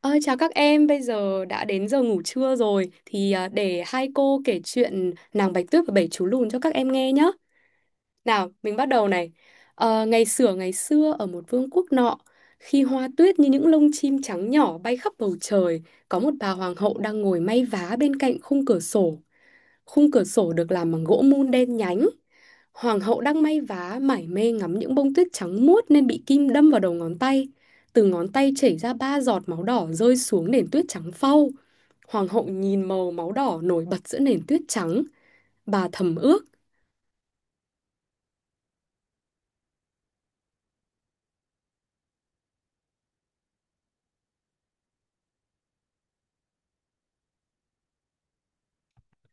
Ơi, chào các em, bây giờ đã đến giờ ngủ trưa rồi thì để hai cô kể chuyện nàng Bạch Tuyết và bảy chú lùn cho các em nghe nhé. Nào, mình bắt đầu này. Ngày xửa ngày xưa ở một vương quốc nọ, khi hoa tuyết như những lông chim trắng nhỏ bay khắp bầu trời, có một bà hoàng hậu đang ngồi may vá bên cạnh khung cửa sổ. Khung cửa sổ được làm bằng gỗ mun đen nhánh. Hoàng hậu đang may vá mải mê ngắm những bông tuyết trắng muốt nên bị kim đâm vào đầu ngón tay. Từ ngón tay chảy ra ba giọt máu đỏ rơi xuống nền tuyết trắng phau. Hoàng hậu nhìn màu máu đỏ nổi bật giữa nền tuyết trắng. Bà thầm ước.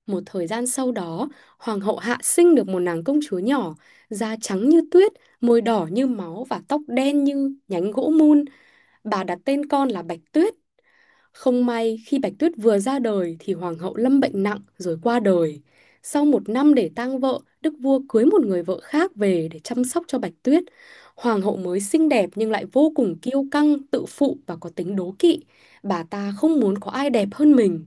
Một thời gian sau đó, hoàng hậu hạ sinh được một nàng công chúa nhỏ, da trắng như tuyết, môi đỏ như máu và tóc đen như nhánh gỗ mun. Bà đặt tên con là Bạch Tuyết. Không may, khi Bạch Tuyết vừa ra đời thì hoàng hậu lâm bệnh nặng rồi qua đời. Sau một năm để tang vợ, đức vua cưới một người vợ khác về để chăm sóc cho Bạch Tuyết. Hoàng hậu mới xinh đẹp nhưng lại vô cùng kiêu căng, tự phụ và có tính đố kỵ. Bà ta không muốn có ai đẹp hơn mình.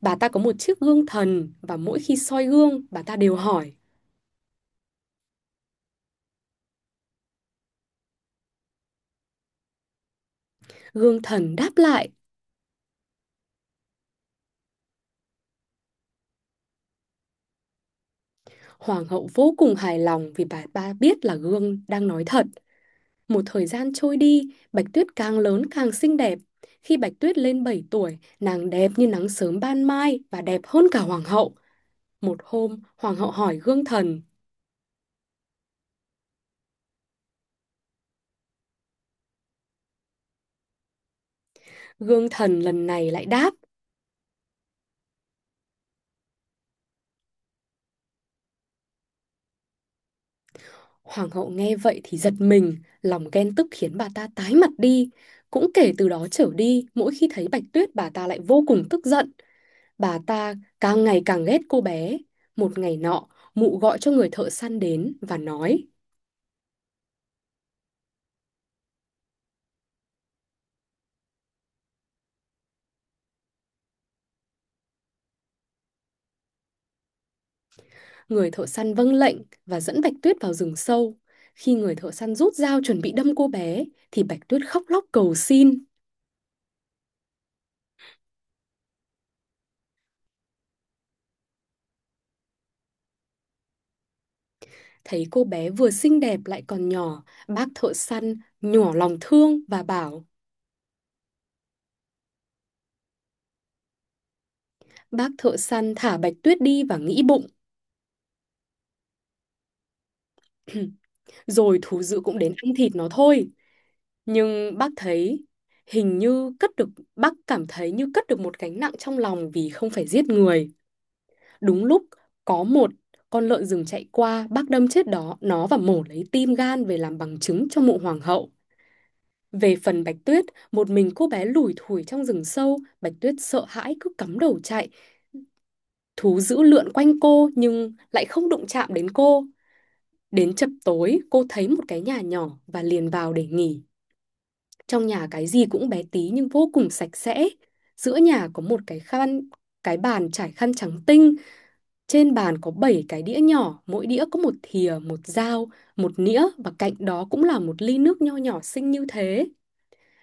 Bà ta có một chiếc gương thần và mỗi khi soi gương, bà ta đều hỏi. Gương thần đáp lại. Hoàng hậu vô cùng hài lòng vì bà ta biết là gương đang nói thật. Một thời gian trôi đi, Bạch Tuyết càng lớn càng xinh đẹp. Khi Bạch Tuyết lên 7 tuổi, nàng đẹp như nắng sớm ban mai và đẹp hơn cả hoàng hậu. Một hôm, hoàng hậu hỏi gương thần. Gương thần lần này lại đáp. Hoàng hậu nghe vậy thì giật mình, lòng ghen tức khiến bà ta tái mặt đi. Cũng kể từ đó trở đi, mỗi khi thấy Bạch Tuyết bà ta lại vô cùng tức giận. Bà ta càng ngày càng ghét cô bé. Một ngày nọ, mụ gọi cho người thợ săn đến và nói. Người thợ săn vâng lệnh và dẫn Bạch Tuyết vào rừng sâu. Khi người thợ săn rút dao chuẩn bị đâm cô bé, thì Bạch Tuyết khóc lóc cầu xin. Thấy cô bé vừa xinh đẹp lại còn nhỏ, bác thợ săn nhỏ lòng thương và bảo. Bác thợ săn thả Bạch Tuyết đi và nghĩ bụng, rồi thú dữ cũng đến ăn thịt nó thôi. Nhưng bác thấy hình như cất được, bác cảm thấy như cất được một gánh nặng trong lòng vì không phải giết người. Đúng lúc có một con lợn rừng chạy qua, bác đâm chết nó và mổ lấy tim gan về làm bằng chứng cho mộ hoàng hậu. Về phần Bạch Tuyết, một mình cô bé lủi thủi trong rừng sâu, Bạch Tuyết sợ hãi cứ cắm đầu chạy. Thú dữ lượn quanh cô nhưng lại không đụng chạm đến cô. Đến chập tối, cô thấy một cái nhà nhỏ và liền vào để nghỉ. Trong nhà cái gì cũng bé tí nhưng vô cùng sạch sẽ. Giữa nhà có một cái khăn, cái bàn trải khăn trắng tinh. Trên bàn có 7 cái đĩa nhỏ, mỗi đĩa có một thìa, một dao, một nĩa và cạnh đó cũng là một ly nước nho nhỏ xinh như thế.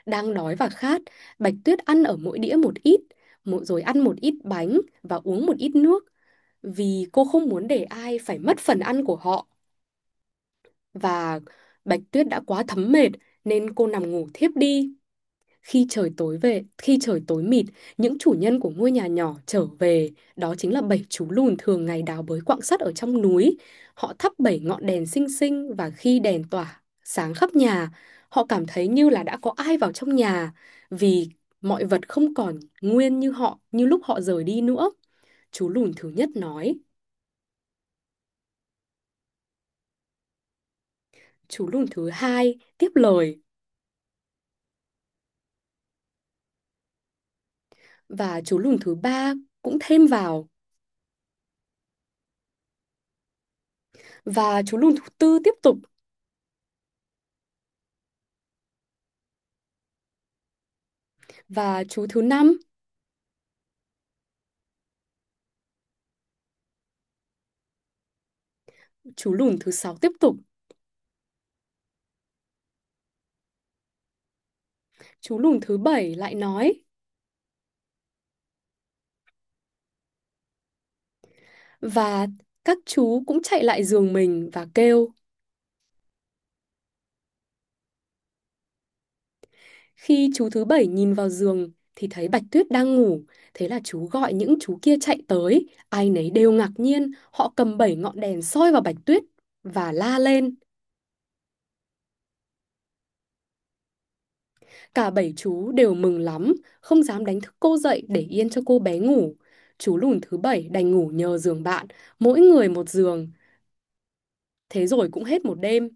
Đang đói và khát, Bạch Tuyết ăn ở mỗi đĩa một ít, rồi ăn một ít bánh và uống một ít nước vì cô không muốn để ai phải mất phần ăn của họ. Và Bạch Tuyết đã quá thấm mệt nên cô nằm ngủ thiếp đi. Khi trời tối mịt, những chủ nhân của ngôi nhà nhỏ trở về, đó chính là bảy chú lùn thường ngày đào bới quặng sắt ở trong núi. Họ thắp bảy ngọn đèn xinh xinh và khi đèn tỏa sáng khắp nhà, họ cảm thấy như là đã có ai vào trong nhà vì mọi vật không còn nguyên như lúc họ rời đi nữa. Chú lùn thứ nhất nói. Chú lùn thứ hai tiếp lời. Và chú lùn thứ ba cũng thêm vào. Và chú lùn thứ tư tiếp tục. Và chú thứ năm. Chú lùn thứ sáu tiếp tục. Chú lùn thứ bảy lại nói. Và các chú cũng chạy lại giường mình và kêu. Khi chú thứ bảy nhìn vào giường thì thấy Bạch Tuyết đang ngủ, thế là chú gọi những chú kia chạy tới, ai nấy đều ngạc nhiên, họ cầm bảy ngọn đèn soi vào Bạch Tuyết và la lên. Cả bảy chú đều mừng lắm, không dám đánh thức cô dậy để yên cho cô bé ngủ. Chú lùn thứ bảy đành ngủ nhờ giường bạn, mỗi người một giường. Thế rồi cũng hết một đêm.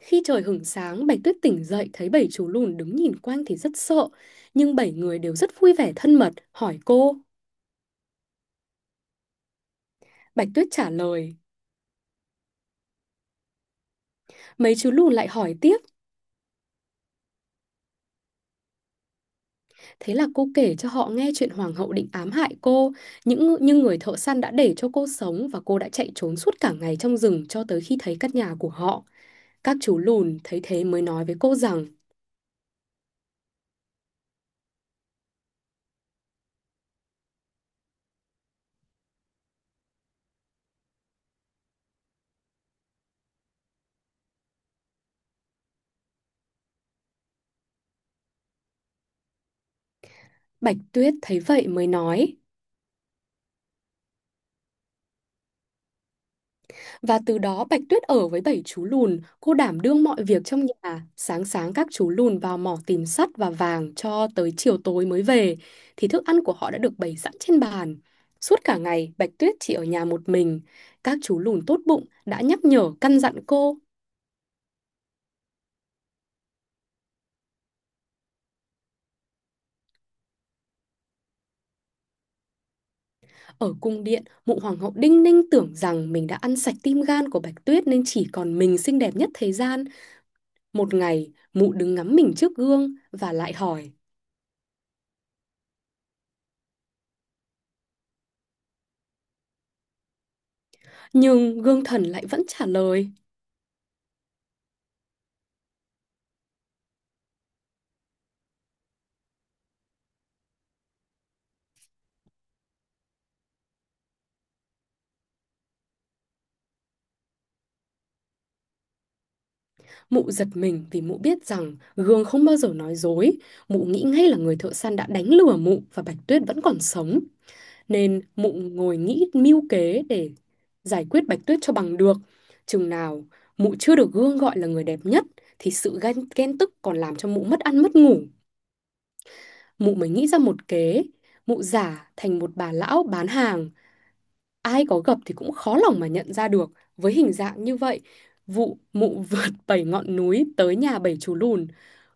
Khi trời hửng sáng, Bạch Tuyết tỉnh dậy thấy bảy chú lùn đứng nhìn quanh thì rất sợ. Nhưng bảy người đều rất vui vẻ thân mật, hỏi cô. Bạch Tuyết trả lời. Mấy chú lùn lại hỏi tiếp. Thế là cô kể cho họ nghe chuyện hoàng hậu định ám hại cô, nhưng người thợ săn đã để cho cô sống và cô đã chạy trốn suốt cả ngày trong rừng cho tới khi thấy căn nhà của họ. Các chú lùn thấy thế mới nói với cô rằng. Bạch Tuyết thấy vậy mới nói. Và từ đó Bạch Tuyết ở với bảy chú lùn, cô đảm đương mọi việc trong nhà. Sáng sáng các chú lùn vào mỏ tìm sắt và vàng cho tới chiều tối mới về, thì thức ăn của họ đã được bày sẵn trên bàn. Suốt cả ngày, Bạch Tuyết chỉ ở nhà một mình. Các chú lùn tốt bụng đã nhắc nhở căn dặn cô. Ở cung điện, mụ hoàng hậu đinh ninh tưởng rằng mình đã ăn sạch tim gan của Bạch Tuyết nên chỉ còn mình xinh đẹp nhất thế gian. Một ngày, mụ đứng ngắm mình trước gương và lại hỏi. Nhưng gương thần lại vẫn trả lời. Mụ giật mình vì mụ biết rằng gương không bao giờ nói dối. Mụ nghĩ ngay là người thợ săn đã đánh lừa mụ và Bạch Tuyết vẫn còn sống. Nên mụ ngồi nghĩ mưu kế để giải quyết Bạch Tuyết cho bằng được. Chừng nào mụ chưa được gương gọi là người đẹp nhất thì sự ghen tức còn làm cho mụ mất ăn mất ngủ. Mụ mới nghĩ ra một kế. Mụ giả thành một bà lão bán hàng. Ai có gặp thì cũng khó lòng mà nhận ra được. Với hình dạng như vậy, mụ vượt bảy ngọn núi tới nhà bảy chú lùn,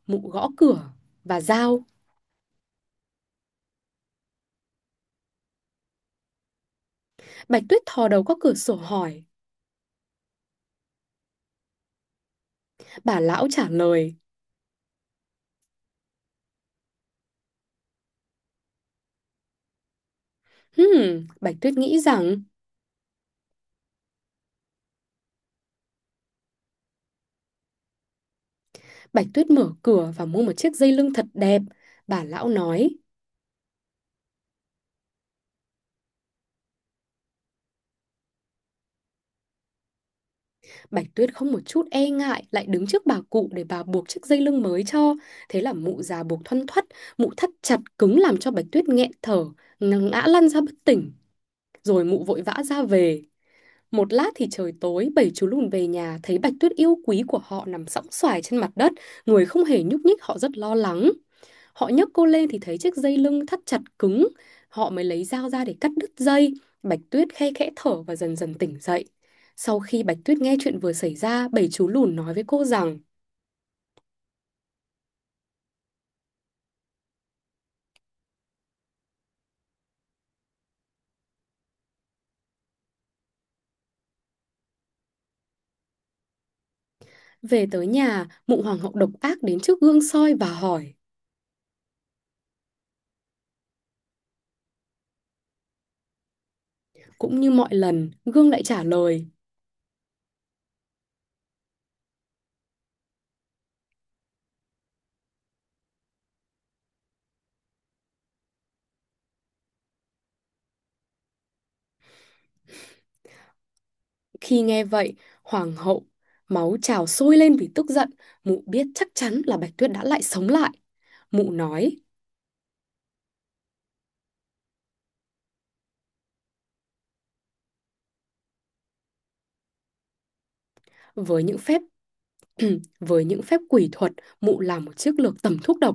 mụ gõ cửa và giao. Bạch Tuyết thò đầu qua cửa sổ hỏi. Bà lão trả lời. Bạch Tuyết nghĩ rằng. Bạch Tuyết mở cửa và mua một chiếc dây lưng thật đẹp. Bà lão nói. Bạch Tuyết không một chút e ngại lại đứng trước bà cụ để bà buộc chiếc dây lưng mới cho. Thế là mụ già buộc thoăn thoắt, mụ thắt chặt cứng làm cho Bạch Tuyết nghẹn thở, ngã lăn ra bất tỉnh. Rồi mụ vội vã ra về. Một lát thì trời tối, bảy chú lùn về nhà thấy Bạch Tuyết yêu quý của họ nằm sõng soài trên mặt đất, người không hề nhúc nhích, họ rất lo lắng. Họ nhấc cô lên thì thấy chiếc dây lưng thắt chặt cứng, họ mới lấy dao ra để cắt đứt dây. Bạch Tuyết khe khẽ thở và dần dần tỉnh dậy. Sau khi Bạch Tuyết nghe chuyện vừa xảy ra, bảy chú lùn nói với cô rằng. Về tới nhà, mụ hoàng hậu độc ác đến trước gương soi và hỏi. Cũng như mọi lần, gương lại trả lời. Khi nghe vậy, hoàng hậu máu trào sôi lên vì tức giận, mụ biết chắc chắn là Bạch Tuyết đã lại sống lại. Mụ nói. Với những phép với những phép quỷ thuật, mụ làm một chiếc lược tẩm thuốc độc.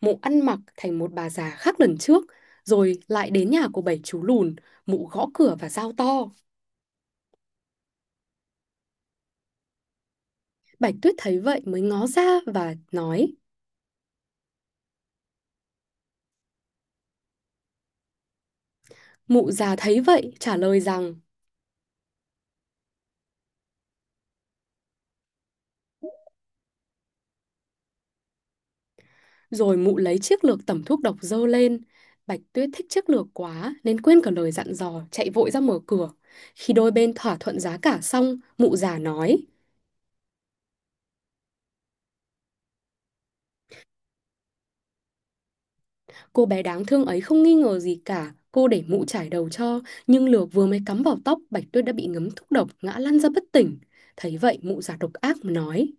Mụ ăn mặc thành một bà già khác lần trước, rồi lại đến nhà của bảy chú lùn, mụ gõ cửa và giao to. Bạch Tuyết thấy vậy mới ngó ra và nói. Mụ già thấy vậy trả lời rằng. Rồi mụ lấy chiếc lược tẩm thuốc độc dơ lên. Bạch Tuyết thích chiếc lược quá nên quên cả lời dặn dò, chạy vội ra mở cửa. Khi đôi bên thỏa thuận giá cả xong, mụ già nói. Cô bé đáng thương ấy không nghi ngờ gì cả, cô để mụ chải đầu cho, nhưng lược vừa mới cắm vào tóc, Bạch Tuyết đã bị ngấm thuốc độc, ngã lăn ra bất tỉnh. Thấy vậy, mụ già độc ác mà nói.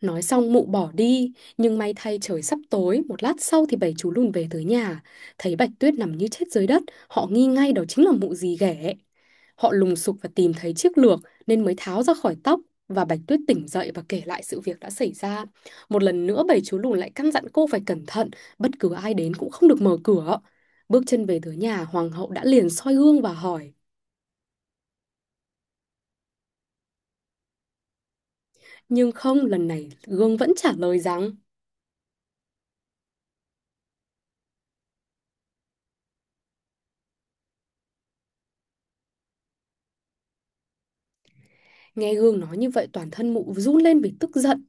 Nói xong mụ bỏ đi, nhưng may thay trời sắp tối, một lát sau thì bảy chú lùn về tới nhà. Thấy Bạch Tuyết nằm như chết dưới đất, họ nghi ngay đó chính là mụ dì ghẻ. Họ lùng sục và tìm thấy chiếc lược nên mới tháo ra khỏi tóc, và Bạch Tuyết tỉnh dậy và kể lại sự việc đã xảy ra. Một lần nữa bảy chú lùn lại căn dặn cô phải cẩn thận, bất cứ ai đến cũng không được mở cửa. Bước chân về tới nhà, hoàng hậu đã liền soi gương và hỏi. Nhưng không, lần này gương vẫn trả lời rằng. Nghe gương nói như vậy toàn thân mụ run lên vì tức giận.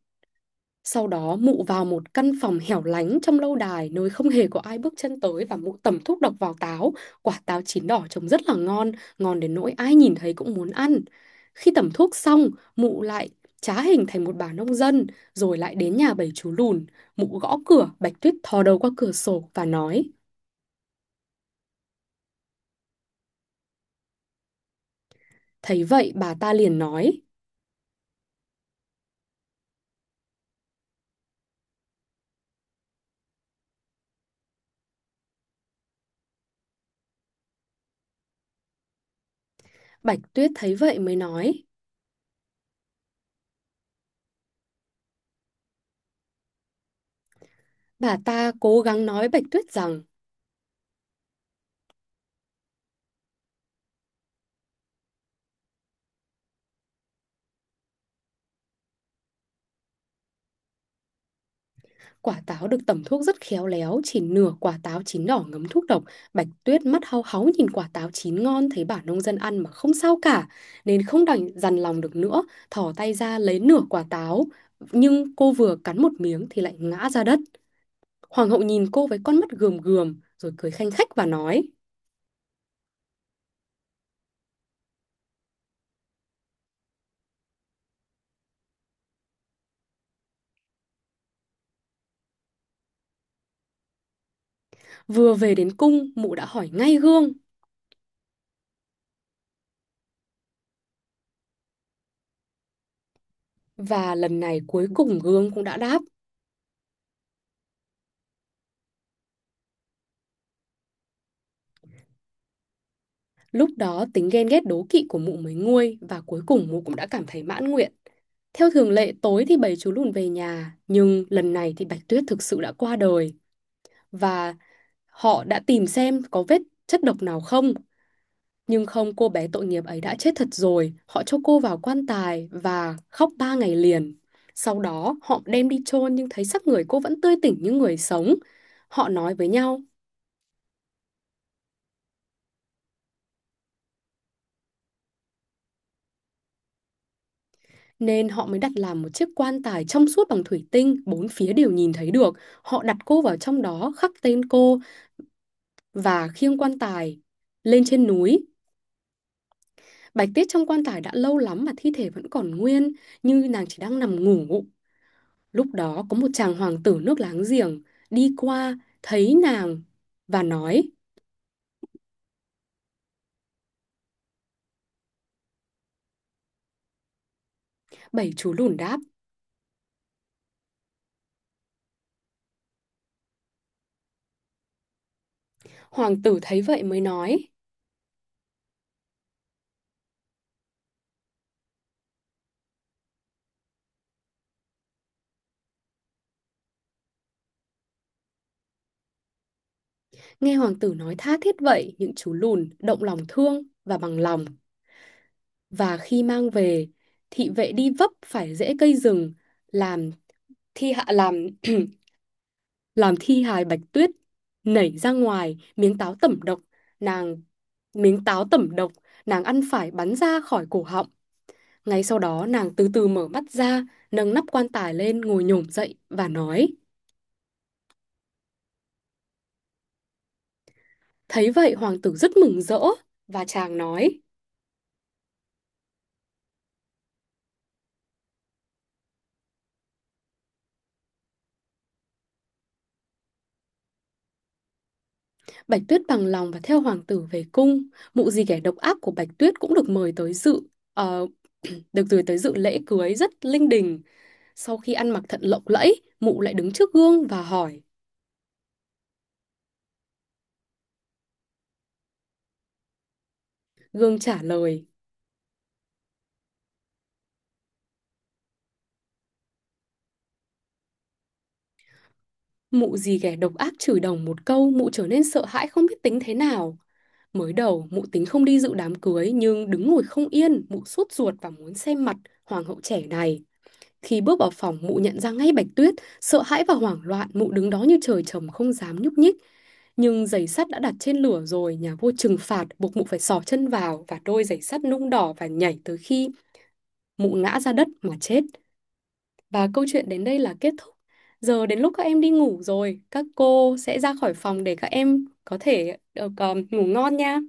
Sau đó mụ vào một căn phòng hẻo lánh trong lâu đài nơi không hề có ai bước chân tới và mụ tẩm thuốc độc vào táo. Quả táo chín đỏ trông rất là ngon, ngon đến nỗi ai nhìn thấy cũng muốn ăn. Khi tẩm thuốc xong, mụ lại trá hình thành một bà nông dân, rồi lại đến nhà bảy chú lùn. Mụ gõ cửa, Bạch Tuyết thò đầu qua cửa sổ và nói. Thấy vậy bà ta liền nói. Bạch Tuyết thấy vậy mới nói. Bà ta cố gắng nói Bạch Tuyết rằng. Quả táo được tẩm thuốc rất khéo léo, chỉ nửa quả táo chín đỏ ngấm thuốc độc. Bạch Tuyết mắt hau háu nhìn quả táo chín ngon thấy bà nông dân ăn mà không sao cả, nên không đành dằn lòng được nữa, thò tay ra lấy nửa quả táo. Nhưng cô vừa cắn một miếng thì lại ngã ra đất. Hoàng hậu nhìn cô với con mắt gườm gườm, rồi cười khanh khách và nói. Vừa về đến cung, mụ đã hỏi ngay Gương. Và lần này cuối cùng Gương cũng đã đáp. Lúc đó tính ghen ghét đố kỵ của mụ mới nguôi và cuối cùng mụ cũng đã cảm thấy mãn nguyện. Theo thường lệ tối thì bầy chú lùn về nhà, nhưng lần này thì Bạch Tuyết thực sự đã qua đời, và họ đã tìm xem có vết chất độc nào không. Nhưng không, cô bé tội nghiệp ấy đã chết thật rồi. Họ cho cô vào quan tài và khóc ba ngày liền. Sau đó họ đem đi chôn nhưng thấy xác người cô vẫn tươi tỉnh như người sống. Họ nói với nhau. Nên họ mới đặt làm một chiếc quan tài trong suốt bằng thủy tinh, bốn phía đều nhìn thấy được. Họ đặt cô vào trong đó, khắc tên cô và khiêng quan tài lên trên núi. Bạch Tuyết trong quan tài đã lâu lắm mà thi thể vẫn còn nguyên, như nàng chỉ đang nằm ngủ. Lúc đó có một chàng hoàng tử nước láng giềng đi qua, thấy nàng và nói, bảy chú lùn đáp. Hoàng tử thấy vậy mới nói, nghe hoàng tử nói tha thiết vậy, những chú lùn động lòng thương và bằng lòng. Và khi mang về, thị vệ đi vấp phải rễ cây rừng, làm thi hạ làm làm thi hài Bạch Tuyết nảy ra ngoài miếng táo tẩm độc, nàng miếng táo tẩm độc nàng ăn phải bắn ra khỏi cổ họng. Ngay sau đó nàng từ từ mở mắt ra, nâng nắp quan tài lên ngồi nhổm dậy và nói. Thấy vậy hoàng tử rất mừng rỡ và chàng nói. Bạch Tuyết bằng lòng và theo hoàng tử về cung. Mụ dì ghẻ độc ác của Bạch Tuyết cũng được mời tới dự ờ, được gửi tới dự lễ cưới rất linh đình. Sau khi ăn mặc thật lộng lẫy, mụ lại đứng trước gương và hỏi. Gương trả lời. Mụ dì ghẻ độc ác chửi đồng một câu, mụ trở nên sợ hãi không biết tính thế nào. Mới đầu, mụ tính không đi dự đám cưới nhưng đứng ngồi không yên, mụ sốt ruột và muốn xem mặt hoàng hậu trẻ này. Khi bước vào phòng, mụ nhận ra ngay Bạch Tuyết, sợ hãi và hoảng loạn, mụ đứng đó như trời trồng không dám nhúc nhích. Nhưng giày sắt đã đặt trên lửa rồi, nhà vua trừng phạt, buộc mụ phải xỏ chân vào và đôi giày sắt nung đỏ và nhảy tới khi mụ ngã ra đất mà chết. Và câu chuyện đến đây là kết thúc. Giờ đến lúc các em đi ngủ rồi, các cô sẽ ra khỏi phòng để các em có thể được ngủ ngon nha.